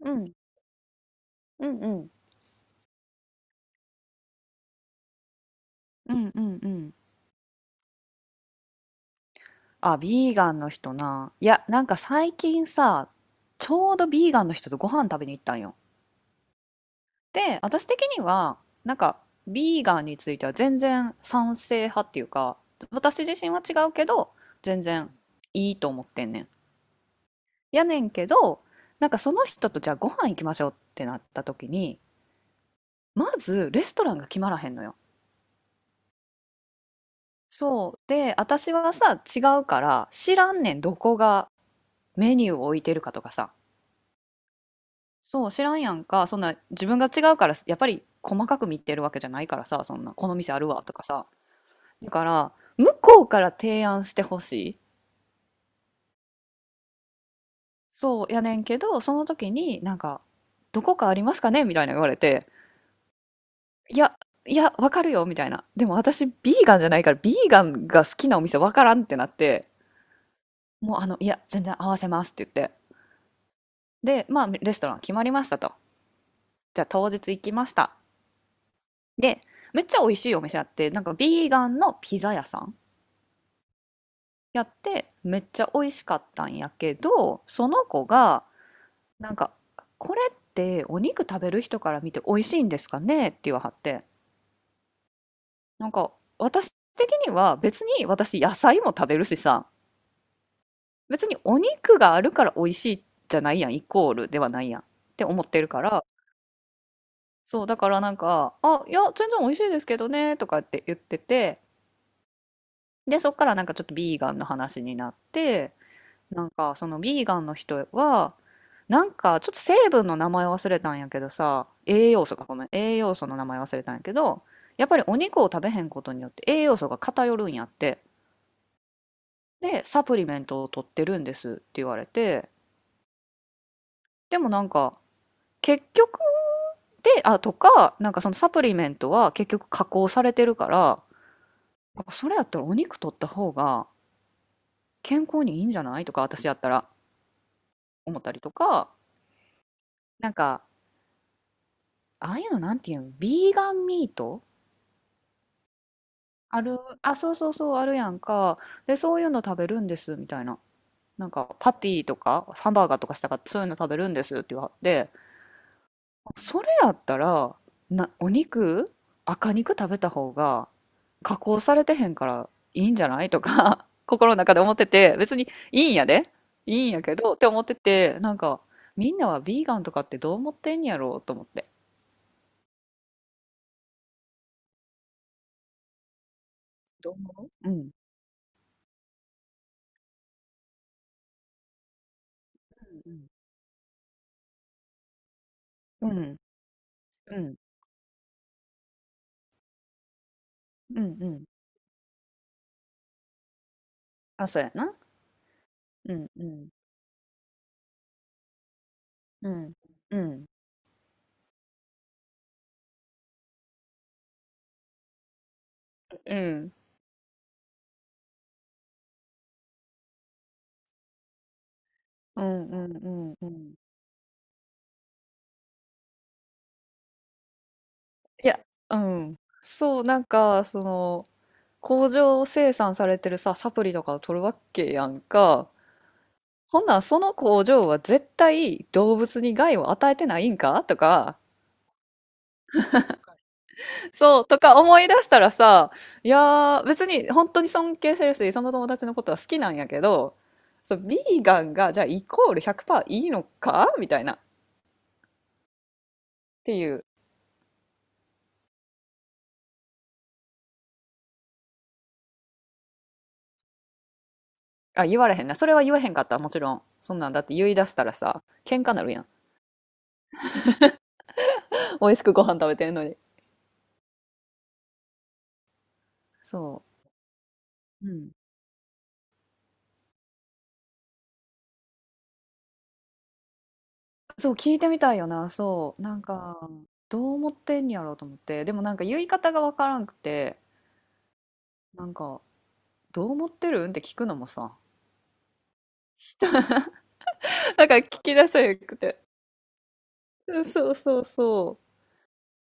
うん、うんうん。うんうんうん。あ、ビーガンの人な。いや、なんか最近さ、ちょうどビーガンの人とご飯食べに行ったんよ。で、私的には、なんか、ビーガンについては全然賛成派っていうか、私自身は違うけど、全然いいと思ってんねん。やねんけど、なんかその人とじゃあご飯行きましょうってなった時に、まずレストランが決まらへんのよ。そう。で、私はさ、違うから、知らんねん、どこがメニューを置いてるかとかさ、そう知らんやんか、そんな、自分が違うからやっぱり細かく見てるわけじゃないからさ、そんなこの店あるわとかさ、だから向こうから提案してほしい。そうやねんけど、その時になんか「どこかありますかね？」みたいな言われて「いやいやわかるよ」みたいな、でも私ビーガンじゃないからビーガンが好きなお店わからんってなって、もうあの、いや全然合わせますって言って、でまあレストラン決まりましたと。じゃあ当日行きました。で、めっちゃ美味しいお店あって、なんかビーガンのピザ屋さんやって、めっちゃ美味しかったんやけど、その子が、なんか、これってお肉食べる人から見て美味しいんですかねって言わはって、なんか、私的には別に私野菜も食べるしさ、別にお肉があるから美味しいじゃないやん、イコールではないやんって思ってるから、そう、だからなんか、あ、いや、全然美味しいですけどね、とかって言ってて、で、そっからなんかちょっとビーガンの話になって、なんかそのビーガンの人はなんかちょっと成分の名前忘れたんやけどさ、栄養素か、ごめん、栄養素の名前忘れたんやけど、やっぱりお肉を食べへんことによって栄養素が偏るんやって、でサプリメントを取ってるんですって言われて、でもなんか結局で、あとかなんかそのサプリメントは結局加工されてるから、あそれやったらお肉取った方が健康にいいんじゃないとか私やったら思ったりとか。なんか、ああいうのなんていうの、ビーガンミート。ある、あ、そうそうそう、あるやんか。で、そういうの食べるんです、みたいな。なんか、パティとか、ハンバーガーとかしたかった、そういうの食べるんですって言われて、それやったら、な、お肉、赤肉食べた方が、加工されてへんからいいんじゃないとか、心の中で思ってて、別にいいんやで、いいんやけど、って思ってて、なんか、みんなはビーガンとかってどう思ってんやろうと思って。どう思う、うん。うん。うん。うん。うんうん。あ、そうやな。うんうん。うん。うん。うん。うんうんうんうん。いや、うん。そう、なんか、その、工場生産されてるさ、サプリとかを取るわけやんか。ほんならその工場は絶対動物に害を与えてないんかとか、そう、とか思い出したらさ、いやー、別に本当に尊敬してるし、その友達のことは好きなんやけど、そう、ビーガンがじゃあイコール100%いいのかみたいな、っていう。あ、言われへんな。それは言わへんかった、もちろん。そんなんだって言い出したらさ、喧嘩なるやん。美味しくご飯食べてんのに。そう。うん。そう、聞いてみたいよな。そう。なんか、どう思ってんやろうと思って。でもなんか言い方がわからんくて、なんか、どう思ってるんって聞くのもさ、なんか聞き出せへんくて。うんそうそうそう。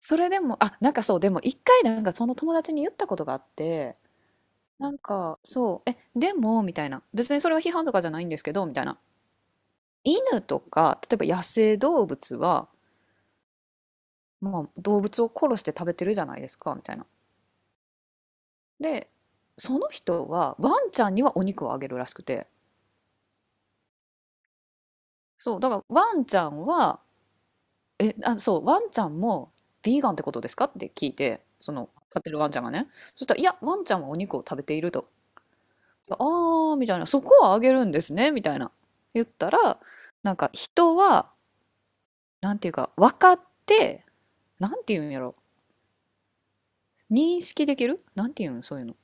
それでも、あ、なんかそう、でも一回なんかその友達に言ったことがあって、なんか、そう、え、でも、みたいな。別にそれは批判とかじゃないんですけど、みたいな。犬とか、例えば野生動物は、まあ、動物を殺して食べてるじゃないですか、みたいな。で、その人はワンちゃんにはお肉をあげるらしくて、そう、だからワンちゃんは、え、あ、そう、ワンちゃんもビーガンってことですかって聞いて、その飼ってるワンちゃんがね。そしたら、いや、ワンちゃんはお肉を食べていると。ああー、みたいな、そこはあげるんですね、みたいな。言ったら、なんか人は、なんていうか、分かって、なんていうんやろ、認識できるなんていうん、そういうの。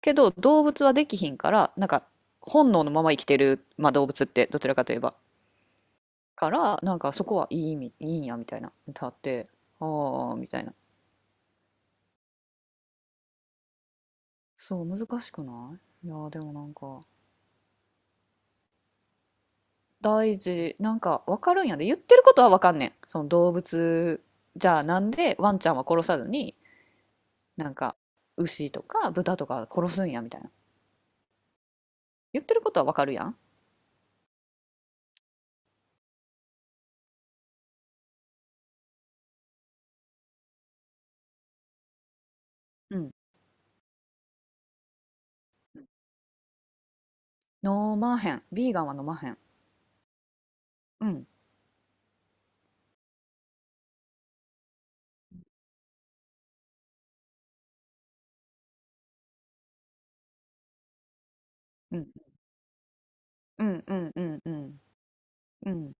けど動物はできひんからなんか本能のまま生きてる、まあ、動物ってどちらかといえばからなんかそこはいい意味いいんやみたいな歌って、ああみたいな。そう難しくない、いやーでもなんか大事なんか分かるんやで、言ってることは分かんねん、その動物、じゃあなんでワンちゃんは殺さずになんか牛とか豚とか殺すんやみたいな、言ってることは分かるやん。うん。飲まへん、ビーガンは飲まへん。うん。うんうんうんうん。うんうん。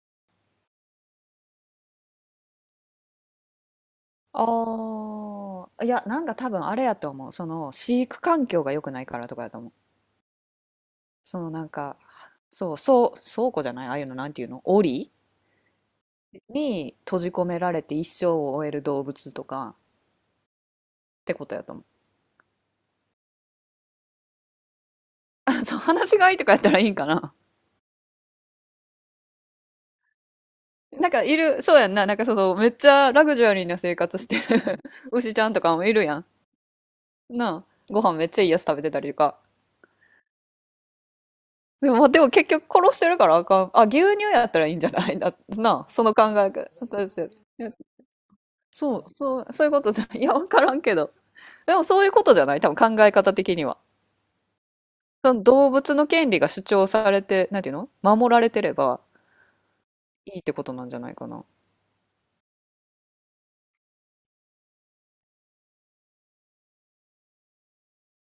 ああ、いや、なんか多分あれやと思う。その飼育環境が良くないからとかやと思う。そのなんか、そう、そう倉庫じゃない、ああいうのなんていうの、檻に閉じ込められて一生を終える動物とかってことやと思う。あ、そう、話がいいとかやったらいいんかな。なんかいる、そうやんな。なんかそのめっちゃラグジュアリーな生活してる 牛ちゃんとかもいるやん。なあ、ご飯めっちゃいいやつ食べてたりとか。でも、でも結局殺してるからあかん。あ、牛乳やったらいいんじゃないだな、その考え方。私いや、そう、そう、そういうことじゃ、いや、わからんけど。でもそういうことじゃない多分考え方的には。その動物の権利が主張されて、なんていうの、守られてればいいってことなんじゃないかな。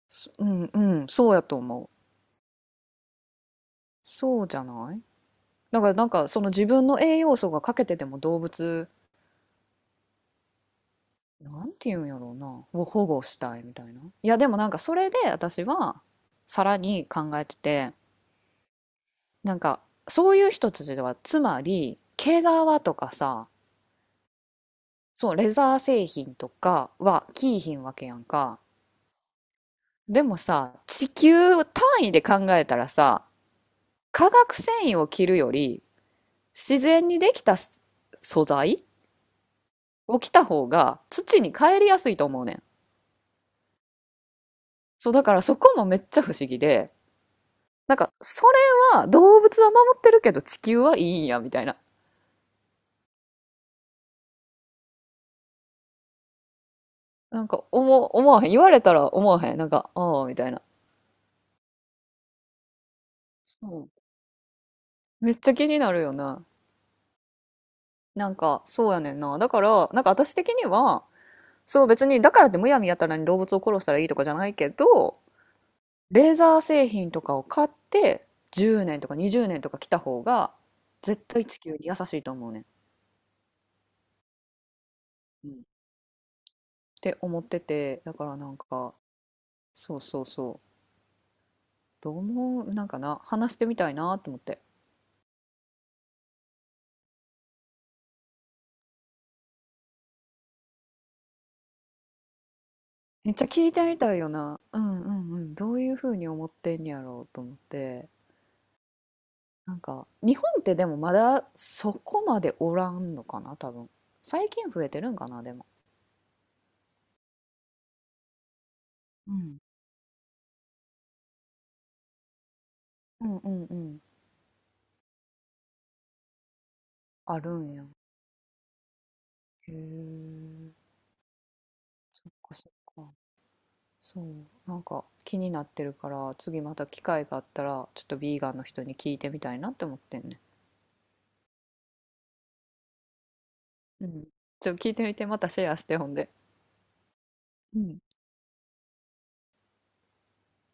そう、んうん、そうやと思う。そうじゃない、だからなんかその自分の栄養素が欠けてても動物、なんて言うんやろうな、を保護したいみたいな。いやでもなんかそれで私はさらに考えてて、なんか、そういう人たちではつまり毛皮とかさ、そうレザー製品とかは着いひんわけやんか。でもさ地球単位で考えたらさ、化学繊維を着るより自然にできたす素材を着た方が土に帰りやすいと思うねん。そうだからそこもめっちゃ不思議で、なんか、それは動物は守ってるけど地球はいいんや、みたいな。なんか、思わへん。言われたら思わへん。なんか、ああ、みたいな。そう。めっちゃ気になるよな。なんか、そうやねんな。だから、なんか私的には、そう別に、だからってむやみやたらに動物を殺したらいいとかじゃないけど、レーザー製品とかを買って、10年とか20年とか来た方が、絶対地球に優しいと思うねん。うん、って思ってて、だからなんか、そうそうそう。どう思う、なんかな、話してみたいなと思って。めっちゃ聞いてみたいよな。うんうんうん。どういうふうに思ってんやろうと思って。なんか、日本ってでもまだそこまでおらんのかな、多分。最近増えてるんかな、でも。うん。うんうんうん。あるんや。へえ。そっかそっか。そう。なんか気になってるから、次また機会があったら、ちょっとビーガンの人に聞いてみたいなって思ってんね。うん。ちょっと聞いてみて、またシェアしてほんで。うん。